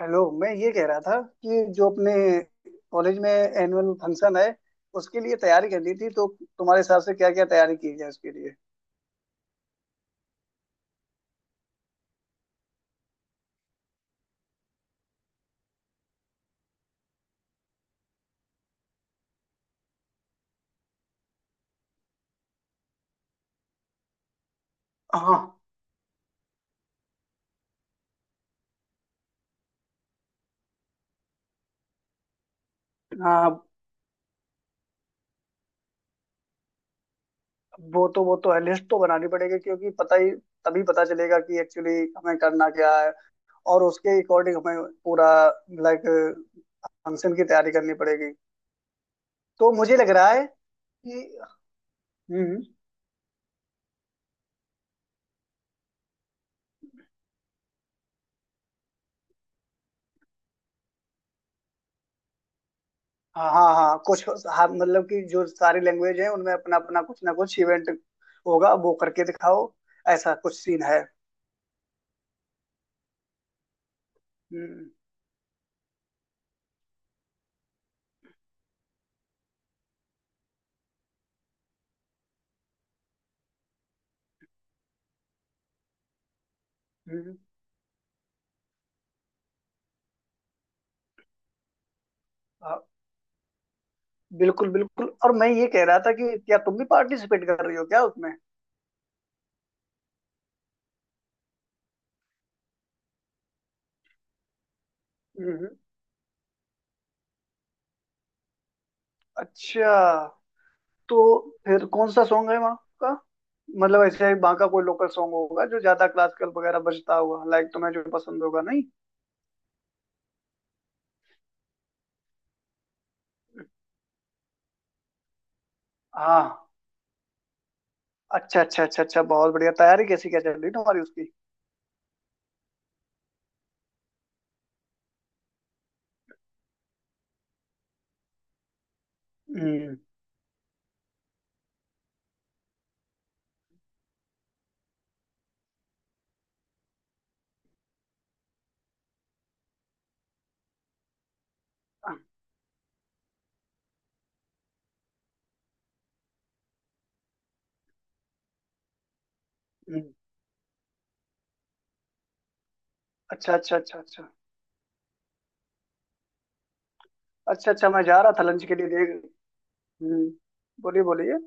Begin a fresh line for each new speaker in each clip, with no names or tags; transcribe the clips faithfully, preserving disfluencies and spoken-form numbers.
Hello. मैं ये कह रहा था कि जो अपने कॉलेज में एनुअल फंक्शन है, उसके लिए तैयारी करनी थी। तो तुम्हारे हिसाब से क्या क्या तैयारी की जाए उसके लिए? हाँ हाँ। वो तो वो तो है, लिस्ट तो बनानी पड़ेगी, क्योंकि पता ही तभी पता चलेगा कि एक्चुअली हमें करना क्या है। और उसके अकॉर्डिंग हमें पूरा लाइक फंक्शन की तैयारी करनी पड़ेगी। तो मुझे लग रहा है कि। हम्म। हाँ हाँ हाँ, कुछ हाँ, मतलब कि जो सारी लैंग्वेज है, उनमें अपना अपना कुछ ना कुछ इवेंट होगा, वो करके दिखाओ। ऐसा कुछ सीन है। हम्म। हम्म। हाँ, बिल्कुल बिल्कुल। और मैं ये कह रहा था कि क्या तुम भी पार्टिसिपेट कर रही हो क्या उसमें? हम्म। अच्छा, तो फिर कौन सा सॉन्ग है वहाँ का? मतलब ऐसे ही वहाँ का कोई लोकल सॉन्ग होगा जो ज्यादा क्लासिकल वगैरह बजता हुआ, लाइक, तुम्हें जो पसंद होगा? नहीं, हाँ। अच्छा अच्छा अच्छा अच्छा, बहुत बढ़िया। तैयारी कैसी क्या चल रही तुम्हारी उसकी? हम्म। हाँ। हम्म। अच्छा अच्छा अच्छा अच्छा। अच्छा अच्छा, मैं जा रहा था लंच के लिए देख। हम्म। बोलिए बोलिए।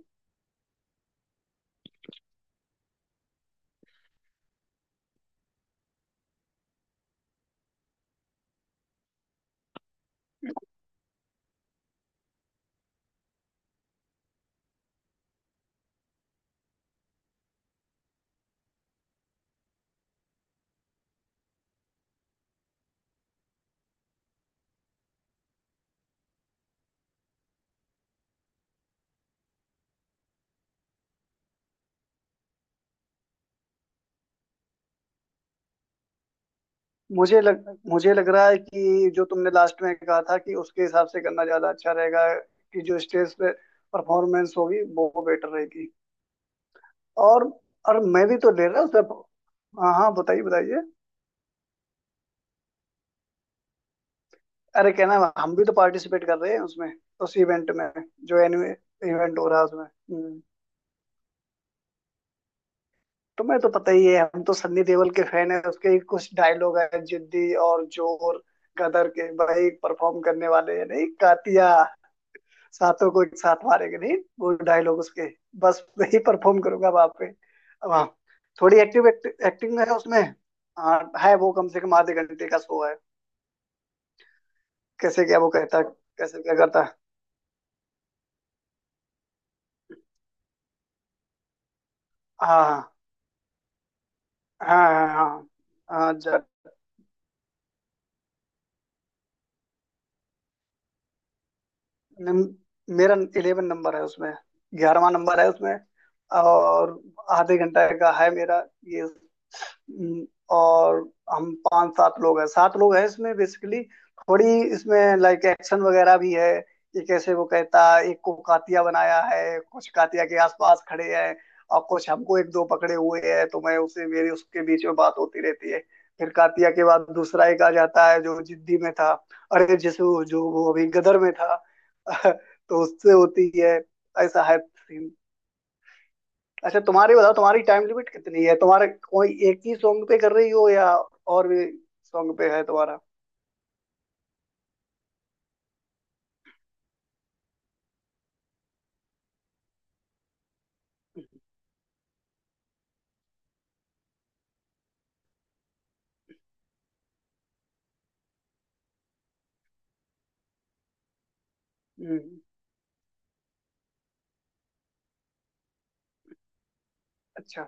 मुझे लग मुझे लग रहा है कि जो तुमने लास्ट में कहा था, कि उसके हिसाब से करना ज्यादा अच्छा रहेगा। कि जो स्टेज पे परफॉर्मेंस होगी वो बेटर रहेगी। और और मैं भी तो ले रहा हूँ सब। हाँ हाँ, बताइए बताइए। अरे कहना, हम भी तो पार्टिसिपेट कर रहे हैं उसमें, उस इवेंट में, जो एनुअल इवेंट हो रहा है उसमें। हम्म। तुम्हें तो पता ही है, हम तो सन्नी देओल के फैन है। उसके कुछ डायलॉग है, जिद्दी और जोर गदर के, भाई परफॉर्म करने वाले हैं। नहीं, कातिया सातों को एक साथ मारेंगे, नहीं, वो डायलॉग उसके, बस वही परफॉर्म करूंगा वहां पे। अब हाँ। थोड़ी एक्टिव एक्टिंग है उसमें। हाँ है, वो कम से कम आधे घंटे का शो है। कैसे क्या वो कहता, कैसे क्या करता। हाँ हाँ हाँ, हाँ हाँ हाँ, नम, मेरा इलेवन नंबर है उसमें, ग्यारहवा नंबर है उसमें। और आधे घंटा का है मेरा ये। हम्म, और हम पांच सात लोग हैं, सात लोग हैं इसमें बेसिकली। थोड़ी इसमें लाइक एक्शन वगैरह भी है, कि कैसे वो कहता है, एक को कातिया बनाया है, कुछ कातिया के आसपास खड़े हैं और कुछ हमको एक दो पकड़े हुए हैं, तो मैं उसे मेरी उसके बीच में बात होती रहती है। फिर कातिया के बाद दूसरा एक आ जाता है जो जिद्दी में था, अरे जिस, जो वो अभी गदर में था तो उससे होती है। ऐसा है सीन। अच्छा तुम्हारी बताओ, तुम्हारी टाइम लिमिट कितनी है तुम्हारे? कोई एक ही सॉन्ग पे कर रही हो या और भी सॉन्ग पे है तुम्हारा? हम्म। अच्छा।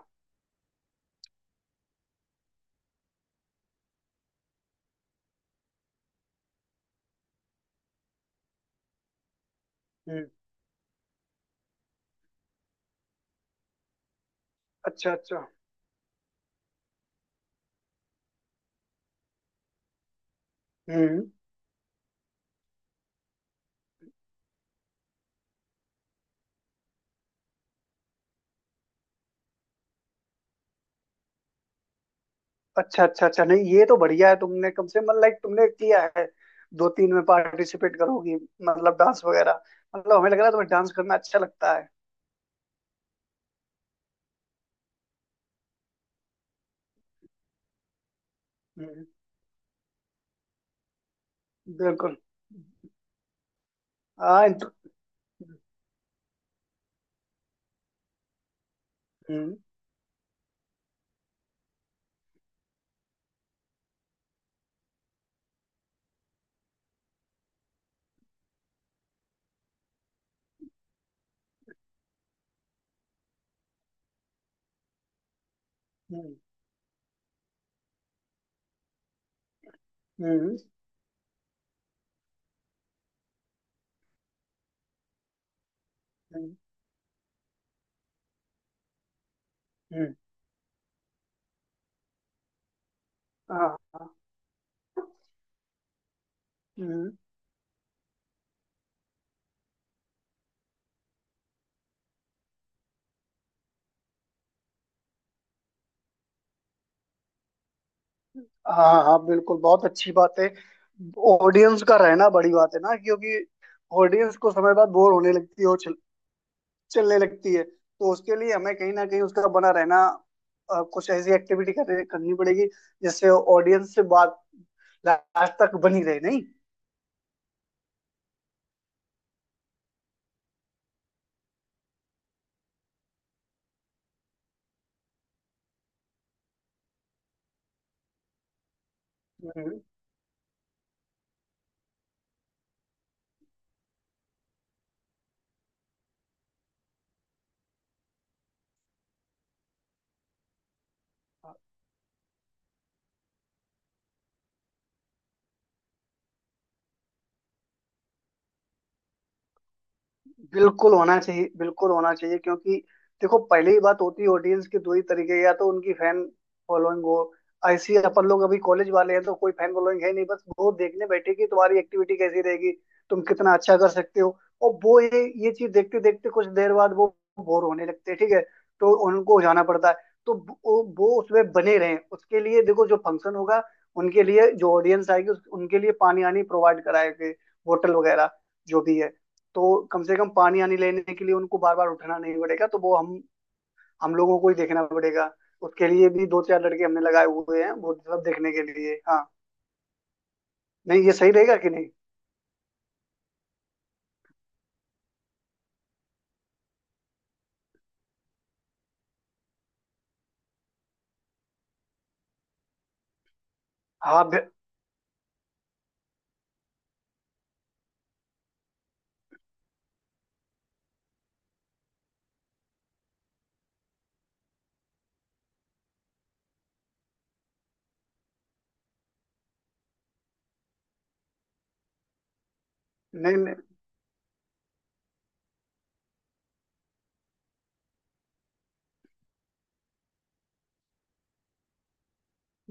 हम्म। अच्छा अच्छा। हम्म। अच्छा अच्छा अच्छा, नहीं ये तो बढ़िया है। तुमने कम से मतलब लाइक तुमने किया है, दो तीन में पार्टिसिपेट करोगी, मतलब डांस वगैरह। मतलब हमें लग रहा है तुम्हें डांस करना अच्छा लगता है। हम्म। बिल्कुल। हाँ, इंट-। हम्म। हम्म। हम्म। हम्म। हम्म, हाँ हाँ, हम्म। हाँ हाँ बिल्कुल, बहुत अच्छी बात है। ऑडियंस का रहना बड़ी बात है ना, क्योंकि ऑडियंस को समय बाद बोर होने लगती है और चल, चलने लगती है। तो उसके लिए हमें कहीं ना कहीं उसका बना रहना, अ, कुछ ऐसी एक्टिविटी कर, करनी पड़ेगी, जिससे ऑडियंस से बात लास्ट तक बनी रहे। नहीं। हम्म। बिल्कुल होना चाहिए, बिल्कुल होना चाहिए, क्योंकि देखो पहले ही बात होती है ऑडियंस के दो ही तरीके, या तो उनकी फैन फॉलोइंग हो। ऐसी अपन लोग अभी कॉलेज वाले हैं, तो कोई फैन फॉलोइंग है नहीं, बस वो देखने बैठे कि तुम्हारी एक्टिविटी कैसी रहेगी, तुम कितना अच्छा कर सकते हो। और वो ये ये चीज देखते देखते कुछ देर बाद वो बोर होने लगते हैं। ठीक है, तो उनको जाना पड़ता है। तो वो वो उसमें बने रहें उसके लिए, देखो जो फंक्शन होगा, उनके लिए जो ऑडियंस आएगी उस- उनके लिए पानी आनी प्रोवाइड कराएंगे, होटल वगैरह जो भी है। तो कम से कम पानी आने लेने के लिए उनको बार बार उठना नहीं पड़ेगा। तो वो हम हम लोगों को ही देखना पड़ेगा। उसके लिए भी दो चार लड़के हमने लगाए हुए हैं वो सब देखने के लिए। हाँ। नहीं ये सही रहेगा कि नहीं? हाँ, बि-। नहीं नहीं,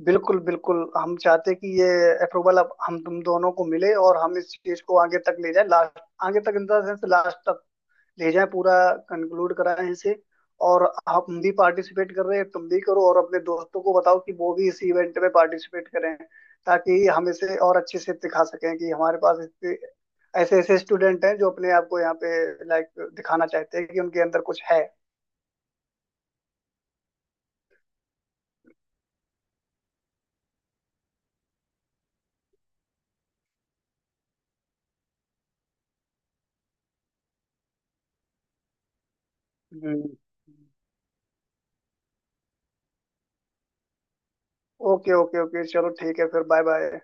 बिल्कुल बिल्कुल, हम चाहते कि ये अप्रूवल अब हम तुम दोनों को मिले और हम इस चीज को आगे तक ले जाए, लास्ट आगे तक, इन द सेंस लास्ट तक भेजा है, पूरा कंक्लूड करा है इसे। और आप हम भी पार्टिसिपेट कर रहे हैं, तुम भी करो और अपने दोस्तों को बताओ कि वो भी इस इवेंट में पार्टिसिपेट करें, ताकि हम इसे और अच्छे से दिखा सकें कि हमारे पास इससे ऐसे ऐसे स्टूडेंट हैं जो अपने आप को यहाँ पे लाइक दिखाना चाहते हैं कि उनके अंदर कुछ है। हम्म। ओके ओके ओके, चलो ठीक है फिर, बाय बाय।